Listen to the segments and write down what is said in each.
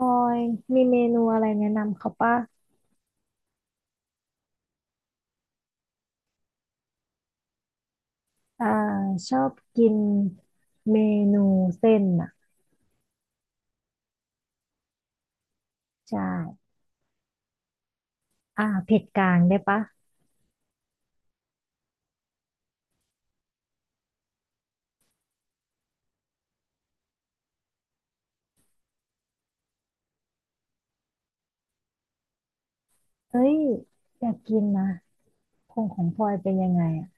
ออยมีเมนูอะไรแนะนำเขาป่ะอ่าชอบกินเมนูเส้นอ่ะใช่ เผ็ดกลางได้ปะเอ้ยอยากกินนะคงของพลอยเป็นยังไงอ่ะ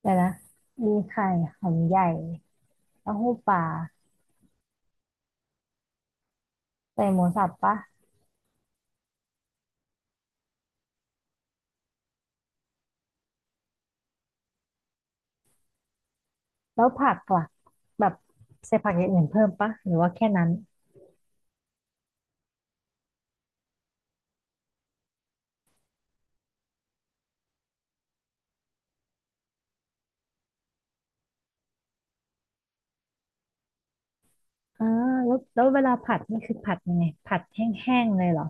แต่ละมีไข่หอมใหญ่เต้าหู้ปลาใส่หมูสับปะแล้วผักล่ะแบบใส่ผักอย่างอื่นเพิ่มปะหรือว่าแค่นั้นอ่าแล้วเวลาผัดนี่คือผัดยังไงผัดแห้งๆเลยเหรอ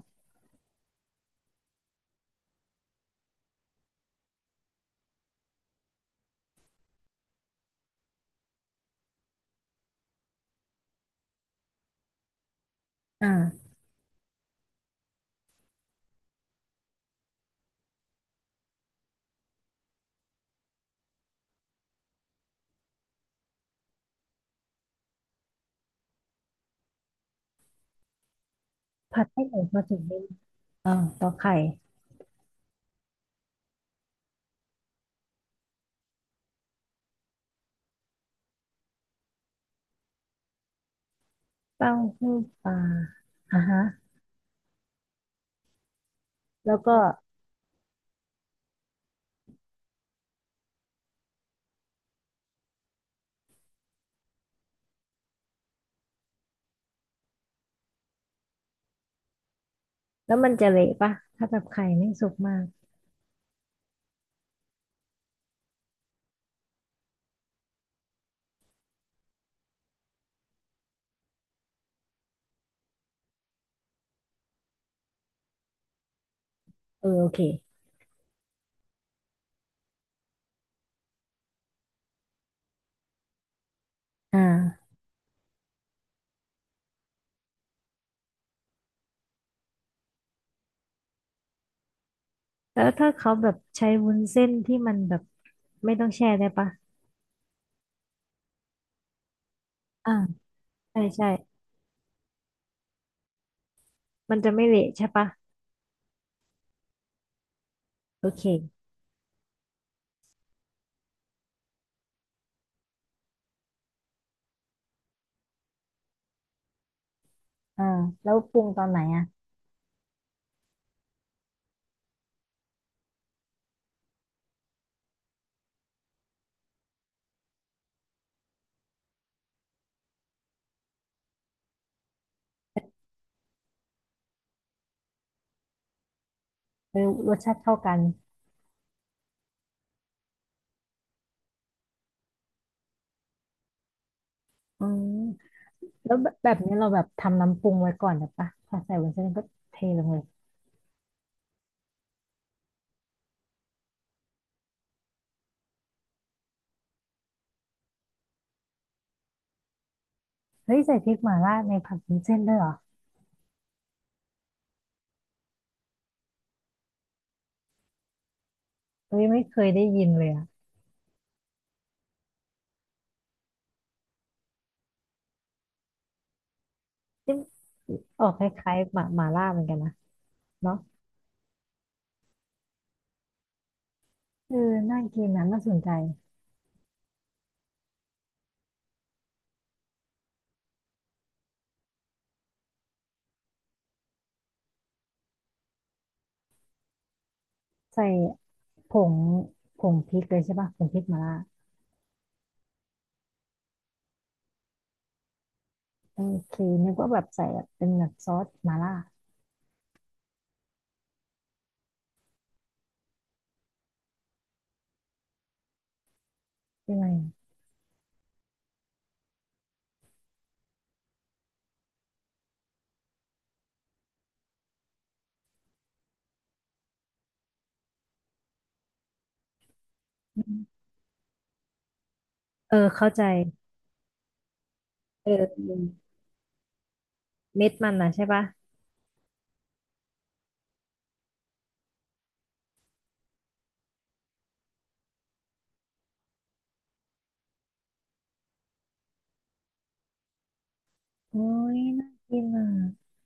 อ่าผัดให้หมูมาถึงได้อ่าต่อไข่ เต้าหู้ปลาอ่ะฮะแล้วก็แล้วมันจะเละปะถ้าแบบไข่ไม่สุกมากเออโอเคอ่าแล้วถ้าเขาแบบใช้วุ้นเส้นที่มันแบบไม่ต้องแช่ได้ปะอ่าใช่ใช่มันจะไม่เละใช่ปะโอเคอ่าแล้วปรุงตอนไหนอ่ะเออรสชาติเท่ากันอืมแล้วแบบนี้เราแบบทำน้ำปรุงไว้ก่อนหรือปะพอใส่วุ้นเส้นก็เทลงเลยเฮ้ยใส่พริกหม่าล่าในผัดวุ้นเส้นด้วยเหรอเฮ้ยไม่เคยได้ยินเลยอ่ะ ออกคล้ายๆหมาหมาล่าเหมือนกันนะเนาะเออน่ากินนะน่าสนใจใส่ผงผงพริกเลยใช่ป่ะผงพริกหมาล่าโอเคนึกว่าแบบใส่แบบเป็นแบบซอสหมาล่าใช่ไหมอืมเออเข้าใจเออเม็ดมันนะใช่ป่ะโอ้ยน่ากินอ่ะ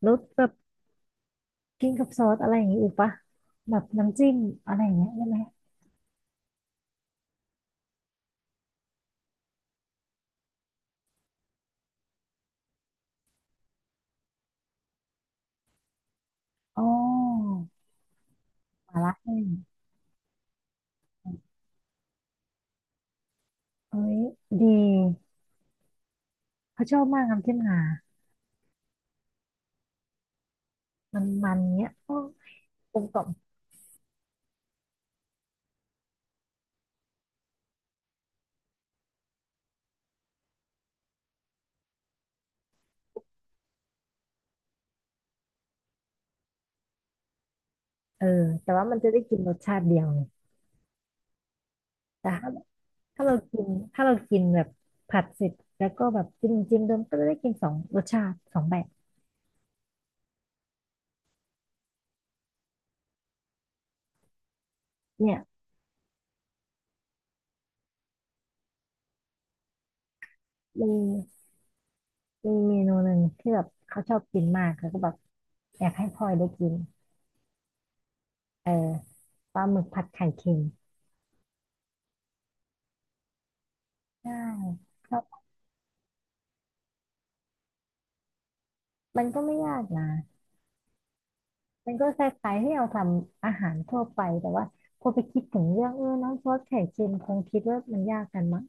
แล้วแบบกินกับซอสอะไรอย่างงี้อีกป่ะแบบน้ำจิ้มอะไรอย่างเงี้ยได้ไหมอ๋อหมาล่าแห้งเอ้ยดีเขาชอบมากน้ำจิ้มงามันมันเงี้ยโอ้กลมกล่อม เออแต่ว่ามันจะได้กินรสชาติเดียวไงแต่ถ้าถ้าเรากินถ้าเรากินแบบผัดเสร็จแล้วก็แบบจิ้มจิ้มเดิมก็จะได้กินสองรสชาติสองแบบเนี่ยมีมีเมนูหนึ่งที่แบบเขาชอบกินมากแล้วก็แบบอยากให้พลอยได้กินเออปลาหมึกผัดไข่เค็มใช่ครับมันก็ไม่ยากนะมันก็คล้ายๆที่เราทำอาหารทั่วไปแต่ว่าพอไปคิดถึงเรื่องเออน้ำซอสไข่เค็มคงคิดว่ามันยากกันมั้ง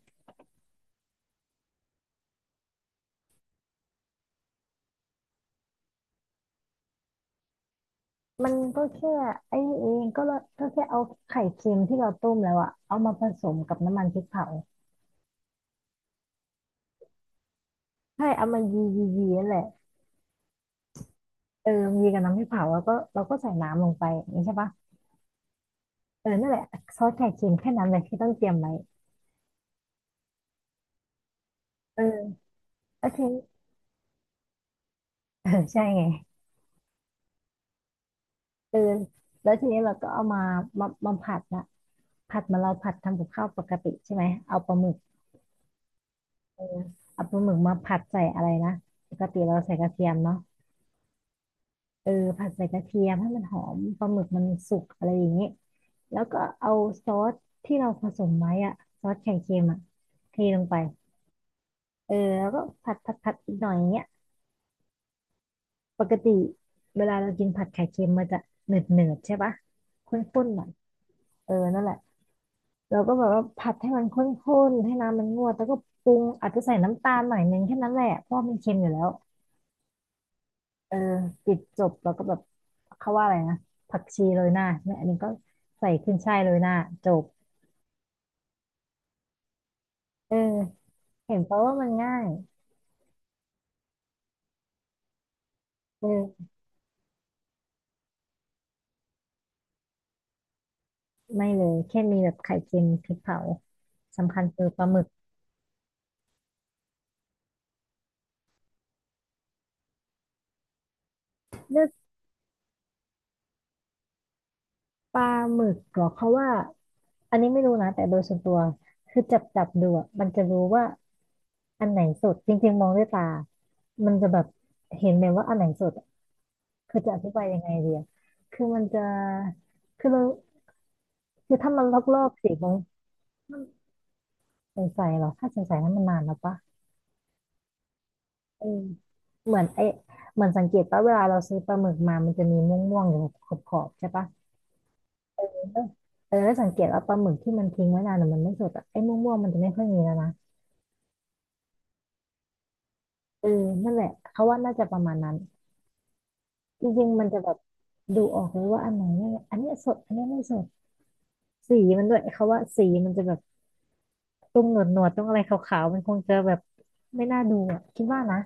มันก็แค่ไอ้นี่เองก็ละก็แค่เอาไข่เค็มที่เราต้มแล้วอะเอามาผสมกับน้ำมันพริกเผาใช่เอามายียียีนั่นแหละเออยีกับน้ำพริกเผาแล้วก็เราก็ใส่น้ำลงไปอย่างนี้ใช่ปะเออนั่นแหละซอสไข่เค็มแค่นั้นเลยที่ต้องเตรียมไว้เออแล้วทีนี้ เออใช่ไงเออแล้วทีนี้เราก็เอามามาผัดนะผัดเหมาเราผัดทำกับข้าวปกติใช่ไหมเอาปลาหมึกเออเอาปลาหมึกมาผัดใส่อะไรนะปกติเราใส่กระเทียมเนาะ เออผัดใส่กระเทียมให้มันหอมปลาหมึกมันสุกอะไรอย่างนี้แล้วก็เอาซอสที่เราผสมไว้อะซอสไข่เค็มอะเทลงไปเออแล้วก็ผัดผัดผัดอีกหน่อยอย่างเงี้ยปกติเวลาเรากินผัดไข่เค็มมันจะเหนืดเนืดใช่ปะข้นๆหน่อยเออนั่นแหละเราก็แบบว่าผัดให้มันข้นๆให้น้ำมันงวดแล้วก็ปรุงอาจจะใส่น้ำตาลหน่อยนึงแค่นั้นแหละเพราะว่ามันเค็มอยู่แล้ว เออปิดจบแล้วก็แบบเขาว่าอะไรนะผักชีโรยหน้าเนี่ยอันนี้ก็ใส่ขึ้นช่ายโรยหน้าจบเออเห็นเพราะว่ามันง่ายเออไม่เลยแค่มีแบบไข่เค็มพริกเผาสำคัญคือปลาหมึกเลือกปลาหมึกเหรอเขาว่าอันนี้ไม่รู้นะแต่โดยส่วนตัวคือจับจับดูอะมันจะรู้ว่าอันไหนสดจริงๆมองด้วยตามันจะแบบเห็นเลยว่าอันไหนสดอะคือจะอธิบายยังไงดีอะคือมันจะคือเราคือถ้ามันลอกๆสีมัน ใสๆหรอถ้าใสๆนั้นมันนานแล้วปะเออเหมือนไอเหมือนสังเกตปะเวลาเราซื้อปลาหมึกมา มันจะมีม่วงๆอยู่ขอบขอบๆใช่ปะเออเออแล้วสังเกตว่าปลาหมึกที่มันทิ้งไว้นานหรือมันไม่สดอะไอ้ม่วงๆมันจะไม่ค่อยมีแล้วนะเออนั่นแหละ เขาว่าน่าจะประมาณนั้น จริงๆมันจะแบบดูออกเลยว่าอันไหนเนี่ยอันเนี้ยสด อันเนี้ยไม่สดสีมันด้วยเขาว่าสีมันจะแบบต้องหนวดหนวดต้องอะไรขาวๆมันคงจะแบบไม่น่าดูอะคิดว่านะ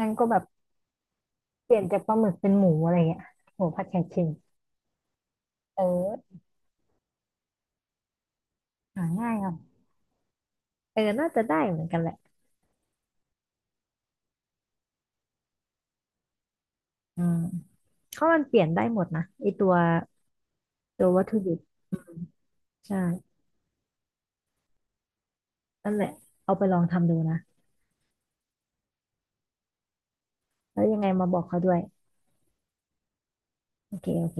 งั้นก็แบบเปลี่ยนจากปลาหมึกเป็นหมูอะไรเงี้ยหมูผัดไข่เค็มเออ หาง่ายครับเออน่าจะได้เหมือนกันแหละอืมเพราะมันเปลี่ยนได้หมดนะไอตัวตัววัตถุดิบใช่นั่นแหละเอาไปลองทำดูนะ แล้วยังไงมาบอกเขาด้วย โอเค โอเค